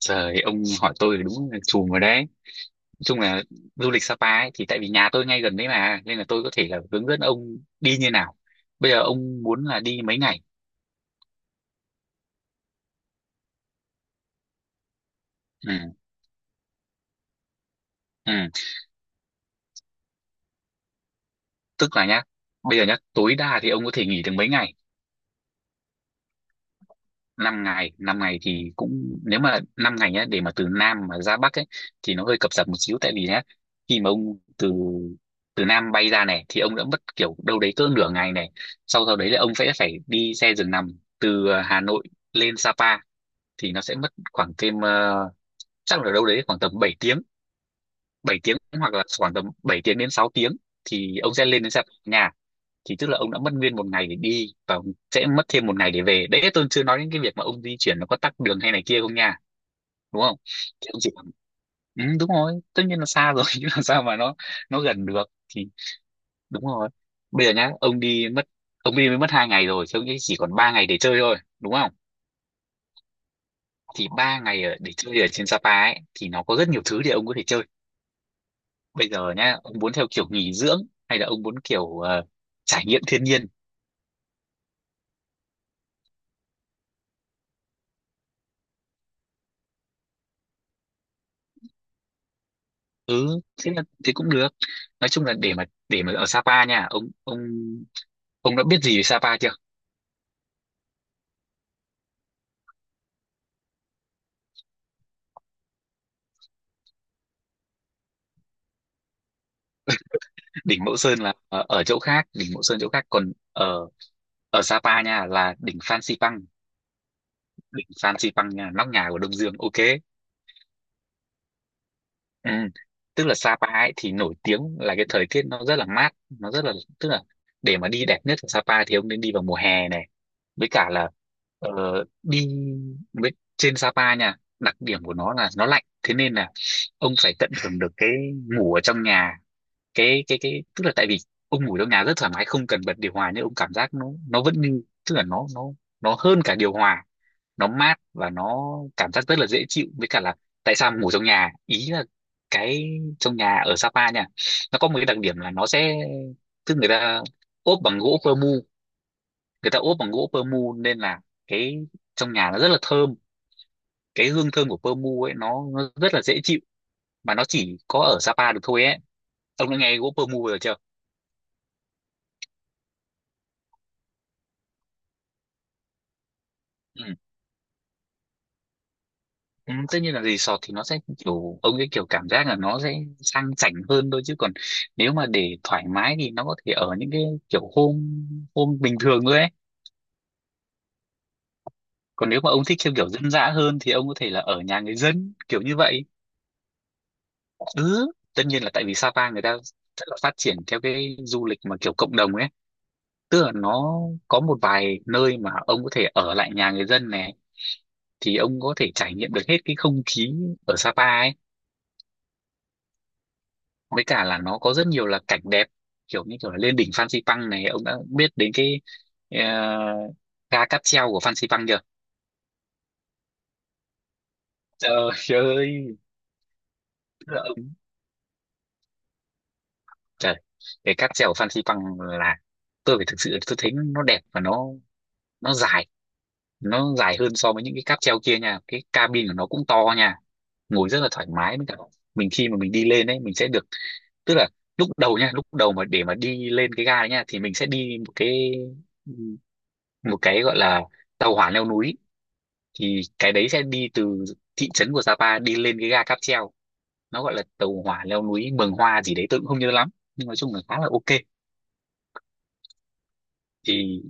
Trời, ông hỏi tôi thì đúng là chùm rồi đấy. Nói chung là du lịch Sapa ấy, thì tại vì nhà tôi ngay gần đấy mà, nên là tôi có thể là hướng dẫn ông đi như nào. Bây giờ ông muốn là đi mấy ngày? Ừ, ừ. Tức là nhá, bây giờ nhá, tối đa thì ông có thể nghỉ được mấy ngày? 5 ngày. 5 ngày thì cũng nếu mà 5 ngày nhá, để mà từ Nam mà ra Bắc ấy thì nó hơi cập rập một xíu, tại vì nhá, khi mà ông từ từ Nam bay ra này thì ông đã mất kiểu đâu đấy cỡ nửa ngày này. Sau sau đấy là ông sẽ phải đi xe giường nằm từ Hà Nội lên Sapa, thì nó sẽ mất khoảng thêm chắc là đâu đấy khoảng tầm 7 tiếng. 7 tiếng hoặc là khoảng tầm 7 tiếng đến 6 tiếng thì ông sẽ lên đến Sapa nhà. Thì tức là ông đã mất nguyên một ngày để đi và ông sẽ mất thêm một ngày để về đấy, tôi chưa nói đến cái việc mà ông di chuyển nó có tắc đường hay này kia không nha, đúng không? Thì ông chỉ bảo, ừ, đúng rồi, tất nhiên là xa rồi chứ làm sao mà nó gần được. Thì đúng rồi, bây giờ nhá, ông đi mới mất 2 ngày rồi thì ông chỉ còn 3 ngày để chơi thôi, đúng không? Thì 3 ngày để chơi ở trên Sapa ấy thì nó có rất nhiều thứ để ông có thể chơi. Bây giờ nhá, ông muốn theo kiểu nghỉ dưỡng hay là ông muốn kiểu trải nghiệm thiên nhiên? Ừ, thế là thế cũng được. Nói chung là để mà ở Sapa nha, ông đã biết gì về Sapa chưa? Đỉnh Mẫu Sơn là ở chỗ khác, đỉnh Mẫu Sơn chỗ khác, còn ở ở Sapa nha là đỉnh Phan Xipang. Đỉnh Phan Xipang nha, nóc nhà của Đông Dương, ok. Ừ. Tức là Sapa ấy thì nổi tiếng là cái thời tiết nó rất là mát, nó rất là, tức là, để mà đi đẹp nhất ở Sapa thì ông nên đi vào mùa hè này, với cả là ờ, đi với trên Sapa nha, đặc điểm của nó là nó lạnh, thế nên là ông phải tận hưởng được cái ngủ ở trong nhà. Cái Tức là, tại vì ông ngủ trong nhà rất thoải mái, không cần bật điều hòa nhưng ông cảm giác nó vẫn như, tức là nó hơn cả điều hòa, nó mát và nó cảm giác rất là dễ chịu. Với cả là tại sao ngủ trong nhà ý là cái trong nhà ở Sapa nha, nó có một cái đặc điểm là nó sẽ, tức người ta ốp bằng gỗ pơ mu, người ta ốp bằng gỗ pơ mu nên là cái trong nhà nó rất là thơm, cái hương thơm của pơ mu ấy nó rất là dễ chịu, mà nó chỉ có ở Sapa được thôi ấy. Ông đã nghe Whopper Move rồi chưa? Ừ. Ừ, tất nhiên là resort thì nó sẽ kiểu, ông cái kiểu cảm giác là nó sẽ sang chảnh hơn thôi, chứ còn nếu mà để thoải mái thì nó có thể ở những cái kiểu hôm hôm bình thường thôi ấy. Còn nếu mà ông thích theo kiểu dân dã hơn thì ông có thể là ở nhà người dân kiểu như vậy. Ừ, tất nhiên là tại vì Sapa người ta rất là phát triển theo cái du lịch mà kiểu cộng đồng ấy, tức là nó có một vài nơi mà ông có thể ở lại nhà người dân này, thì ông có thể trải nghiệm được hết cái không khí ở Sapa ấy. Với cả là nó có rất nhiều là cảnh đẹp, kiểu như kiểu là lên đỉnh Phan Xipang này. Ông đã biết đến cái ờ, ga cáp treo của Phan Xipang chưa? Trời ơi, tức là ông-, trời, cái cáp treo của Phan Xipang là, tôi phải thực sự tôi thấy nó đẹp và nó dài, nó dài hơn so với những cái cáp treo kia nha, cái cabin của nó cũng to nha, ngồi rất là thoải mái. Với cả mình khi mà mình đi lên ấy mình sẽ được, tức là lúc đầu nha, lúc đầu mà để mà đi lên cái ga đấy nha thì mình sẽ đi một cái, một cái gọi là tàu hỏa leo núi, thì cái đấy sẽ đi từ thị trấn của Sapa đi lên cái ga cáp treo, nó gọi là tàu hỏa leo núi Mường Hoa gì đấy, tôi cũng không nhớ lắm, nhưng nói chung là khá là ok. Thì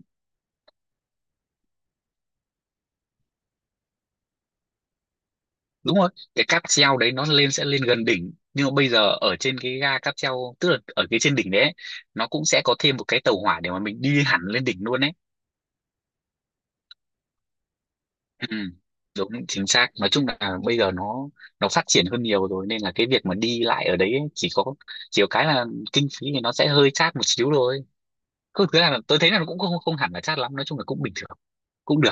đúng rồi, cái cáp treo đấy nó lên sẽ lên gần đỉnh, nhưng mà bây giờ ở trên cái ga cáp treo, tức là ở cái trên đỉnh đấy ấy, nó cũng sẽ có thêm một cái tàu hỏa để mà mình đi hẳn lên đỉnh luôn ấy. Ừ, đúng chính xác, nói chung là bây giờ nó phát triển hơn nhiều rồi, nên là cái việc mà đi lại ở đấy ấy, chỉ có cái là kinh phí thì nó sẽ hơi chát một xíu thôi, cứ thứ là tôi thấy là nó cũng không không hẳn là chát lắm, nói chung là cũng bình thường. Cũng được,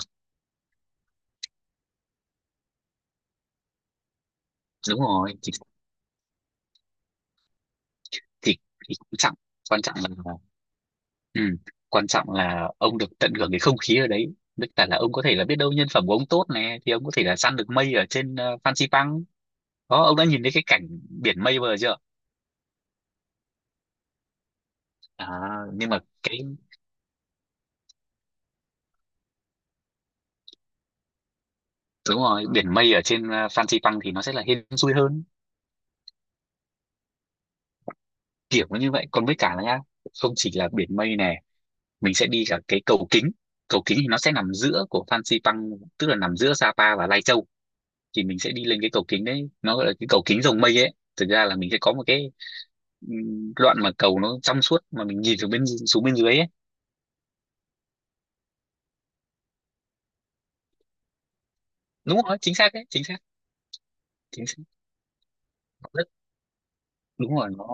đúng rồi, thì, thì quan trọng, quan trọng là ừ, quan trọng là ông được tận hưởng cái không khí ở đấy. Tất cả là ông có thể là biết đâu nhân phẩm của ông tốt này thì ông có thể là săn được mây ở trên Fansipan đó. Ông đã nhìn thấy cái cảnh biển mây bao giờ chưa? À, nhưng mà cái, đúng rồi, biển mây ở trên Fansipan thì nó sẽ là hên xui hơn, kiểu như vậy. Còn với cả là nhá, không chỉ là biển mây này, mình sẽ đi cả cái cầu kính. Cầu kính thì nó sẽ nằm giữa của Fansipan, tức là nằm giữa Sapa và Lai Châu. Thì mình sẽ đi lên cái cầu kính đấy, nó gọi là cái cầu kính rồng mây ấy. Thực ra là mình sẽ có một cái đoạn mà cầu nó trong suốt mà mình nhìn từ bên xuống bên dưới ấy. Đúng rồi, chính xác đấy, chính xác, chính xác. Rất, đúng rồi,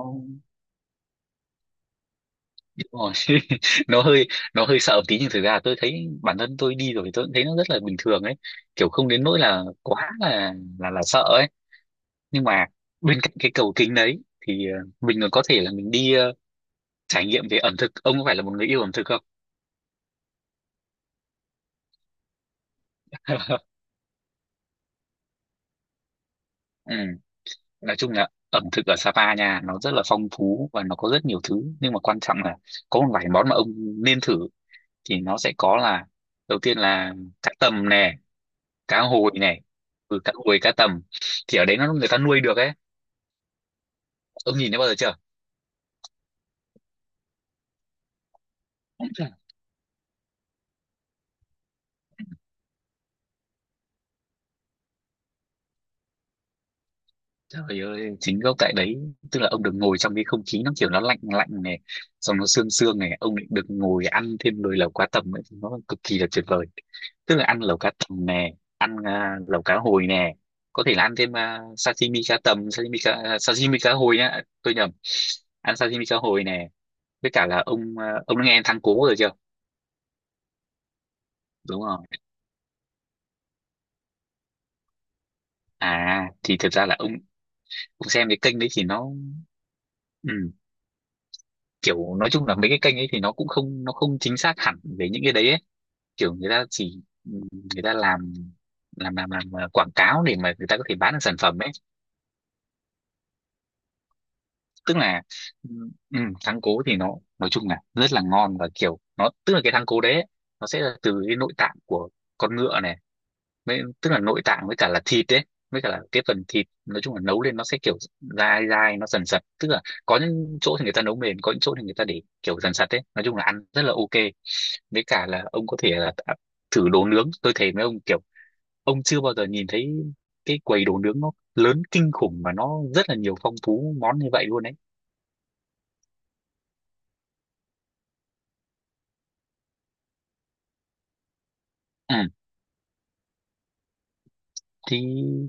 ôi, nó hơi nó hơi sợ một tí nhưng thực ra là tôi thấy bản thân tôi đi rồi thì tôi cũng thấy nó rất là bình thường ấy, kiểu không đến nỗi là quá là sợ ấy. Nhưng mà bên cạnh cái cầu kính đấy thì mình còn có thể là mình đi trải nghiệm về ẩm thực. Ông có phải là một người yêu ẩm thực không? Ừ. Nói chung là ẩm thực ở Sapa nha nó rất là phong phú và nó có rất nhiều thứ, nhưng mà quan trọng là có một vài món mà ông nên thử, thì nó sẽ có là, đầu tiên là cá tầm nè, cá hồi này. Ừ, cá hồi cá tầm thì ở đấy nó người ta nuôi được ấy, ông nhìn thấy bao giờ chưa? Trời ơi, chính gốc tại đấy, tức là ông được ngồi trong cái không khí nó kiểu nó lạnh lạnh này, xong nó sương sương này, ông lại được ngồi ăn thêm nồi lẩu cá tầm ấy, nó cực kỳ là tuyệt vời. Tức là ăn lẩu cá tầm nè, ăn lẩu cá hồi nè, có thể là ăn thêm sashimi cá tầm, sashimi cá, sashimi cá hồi nhá, tôi nhầm, ăn sashimi cá hồi nè. Với cả là ông đã nghe thắng cố rồi chưa? Đúng rồi. À thì thật ra là ông xem cái kênh đấy thì nó, ừ, kiểu nói chung là mấy cái kênh ấy thì nó cũng không, nó không chính xác hẳn về những cái đấy ấy. Kiểu người ta chỉ người ta làm làm quảng cáo để mà người ta có thể bán được sản phẩm ấy. Tức là ừ, ừ, thắng cố thì nó nói chung là rất là ngon, và kiểu nó tức là cái thắng cố đấy ấy, nó sẽ là từ cái nội tạng của con ngựa này. Mấy, tức là nội tạng với cả là thịt đấy, với cả là cái phần thịt nói chung là nấu lên nó sẽ kiểu dai dai, nó sần sật. Tức là có những chỗ thì người ta nấu mềm, có những chỗ thì người ta để kiểu dần sật đấy, nói chung là ăn rất là ok. Với cả là ông có thể là thử đồ nướng. Tôi thấy mấy ông kiểu ông chưa bao giờ nhìn thấy cái quầy đồ nướng nó lớn kinh khủng mà nó rất là nhiều, phong phú món như vậy luôn đấy. Ừ, thì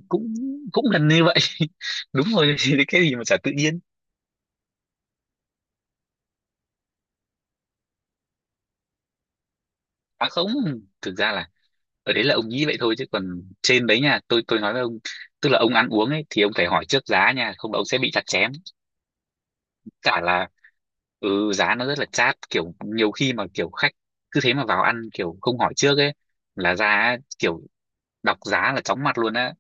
cũng cũng gần như vậy. Đúng rồi. Thì cái gì mà chả tự nhiên. À không, thực ra là ở đấy là ông nghĩ vậy thôi, chứ còn trên đấy nha, tôi nói với ông, tức là ông ăn uống ấy thì ông phải hỏi trước giá nha, không là ông sẽ bị chặt chém. Cả là ừ, giá nó rất là chát, kiểu nhiều khi mà kiểu khách cứ thế mà vào ăn kiểu không hỏi trước ấy, là ra ấy, kiểu đọc giá là chóng mặt luôn á.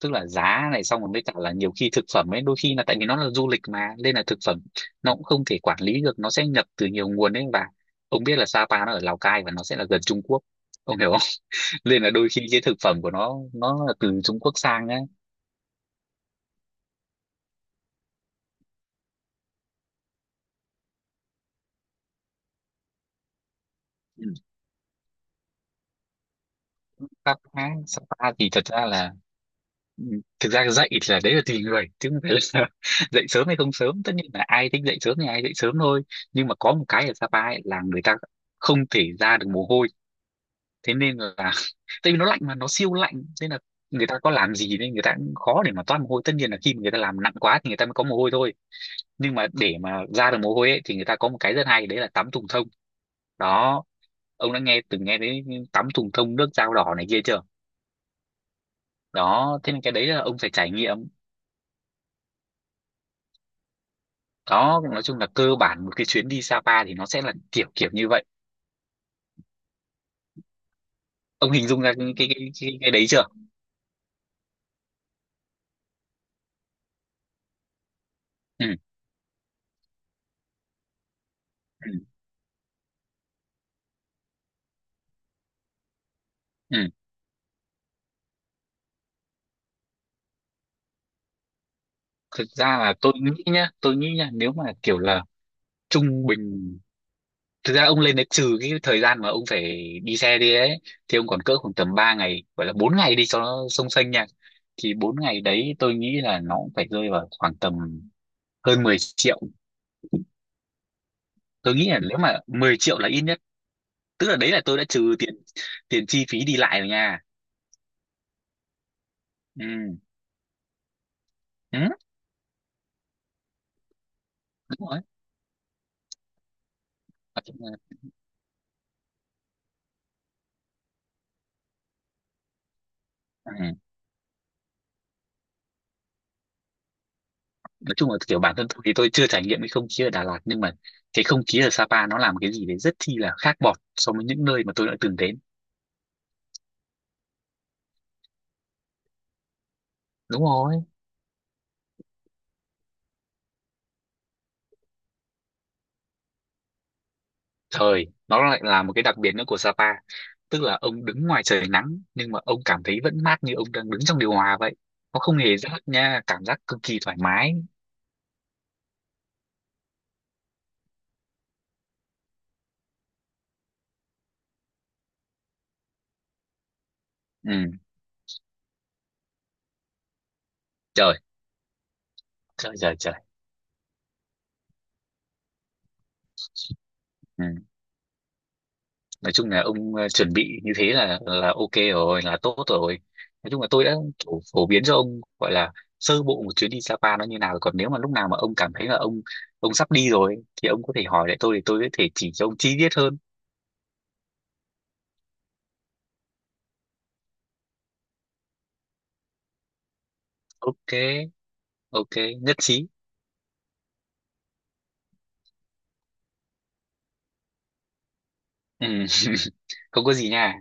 Tức là giá này xong rồi với cả là nhiều khi thực phẩm ấy, đôi khi là tại vì nó là du lịch mà nên là thực phẩm nó cũng không thể quản lý được, nó sẽ nhập từ nhiều nguồn ấy. Và ông biết là Sapa nó ở Lào Cai và nó sẽ là gần Trung Quốc, ông hiểu không? Nên là đôi khi cái thực phẩm của nó là từ Trung Quốc sang ấy. Ừ. Sapa, Sapa thì thật ra là ừ, thực ra dậy thì là đấy là tùy người chứ không phải là dậy sớm hay không sớm, tất nhiên là ai thích dậy sớm thì ai dậy sớm thôi. Nhưng mà có một cái ở Sapa ấy là người ta không thể ra được mồ hôi, thế nên là tại vì nó lạnh, mà nó siêu lạnh, nên là người ta có làm gì nên người ta cũng khó để mà toát mồ hôi. Tất nhiên là khi mà người ta làm nặng quá thì người ta mới có mồ hôi thôi, nhưng mà để mà ra được mồ hôi ấy, thì người ta có một cái rất hay đấy là tắm thùng thông. Đó, ông đã nghe từng nghe đến tắm thùng thông, nước dao đỏ này kia chưa? Đó, thế nên cái đấy là ông phải trải nghiệm. Đó, nói chung là cơ bản một cái chuyến đi Sapa thì nó sẽ là kiểu kiểu như vậy. Ông hình dung ra cái đấy chưa? ừ, ừ, ừ. Thực ra là tôi nghĩ nhá, nếu mà kiểu là trung bình, thực ra ông lên đấy trừ cái thời gian mà ông phải đi xe đi ấy, thì ông còn cỡ khoảng tầm 3 ngày, gọi là 4 ngày đi cho nó sông xanh nha. Thì 4 ngày đấy tôi nghĩ là nó cũng phải rơi vào khoảng tầm hơn 10 triệu. Tôi nghĩ là nếu mà 10 triệu là ít nhất, tức là đấy là tôi đã trừ tiền tiền chi phí đi lại rồi nha. Ừ, ừ, đúng rồi. Nói chung là- ừ, nói chung là kiểu bản thân tôi thì tôi chưa trải nghiệm cái không khí ở Đà Lạt, nhưng mà cái không khí ở Sapa nó làm cái gì đấy rất chi là khác bọt so với những nơi mà tôi đã từng đến. Đúng rồi, trời nó lại là một cái đặc biệt nữa của Sapa, tức là ông đứng ngoài trời nắng nhưng mà ông cảm thấy vẫn mát như ông đang đứng trong điều hòa vậy. Nó không hề rát nha, cảm giác cực kỳ thoải mái. Ừ, trời trời trời trời. Ừ, nói chung là ông chuẩn bị như thế là ok rồi, là tốt rồi. Nói chung là tôi đã kiểu phổ biến cho ông, gọi là sơ bộ một chuyến đi Sapa nó như nào. Còn nếu mà lúc nào mà ông cảm thấy là ông sắp đi rồi thì ông có thể hỏi lại tôi, thì tôi có thể chỉ cho ông chi tiết hơn. Ok, ok, nhất trí. Ừ. Không có gì nha.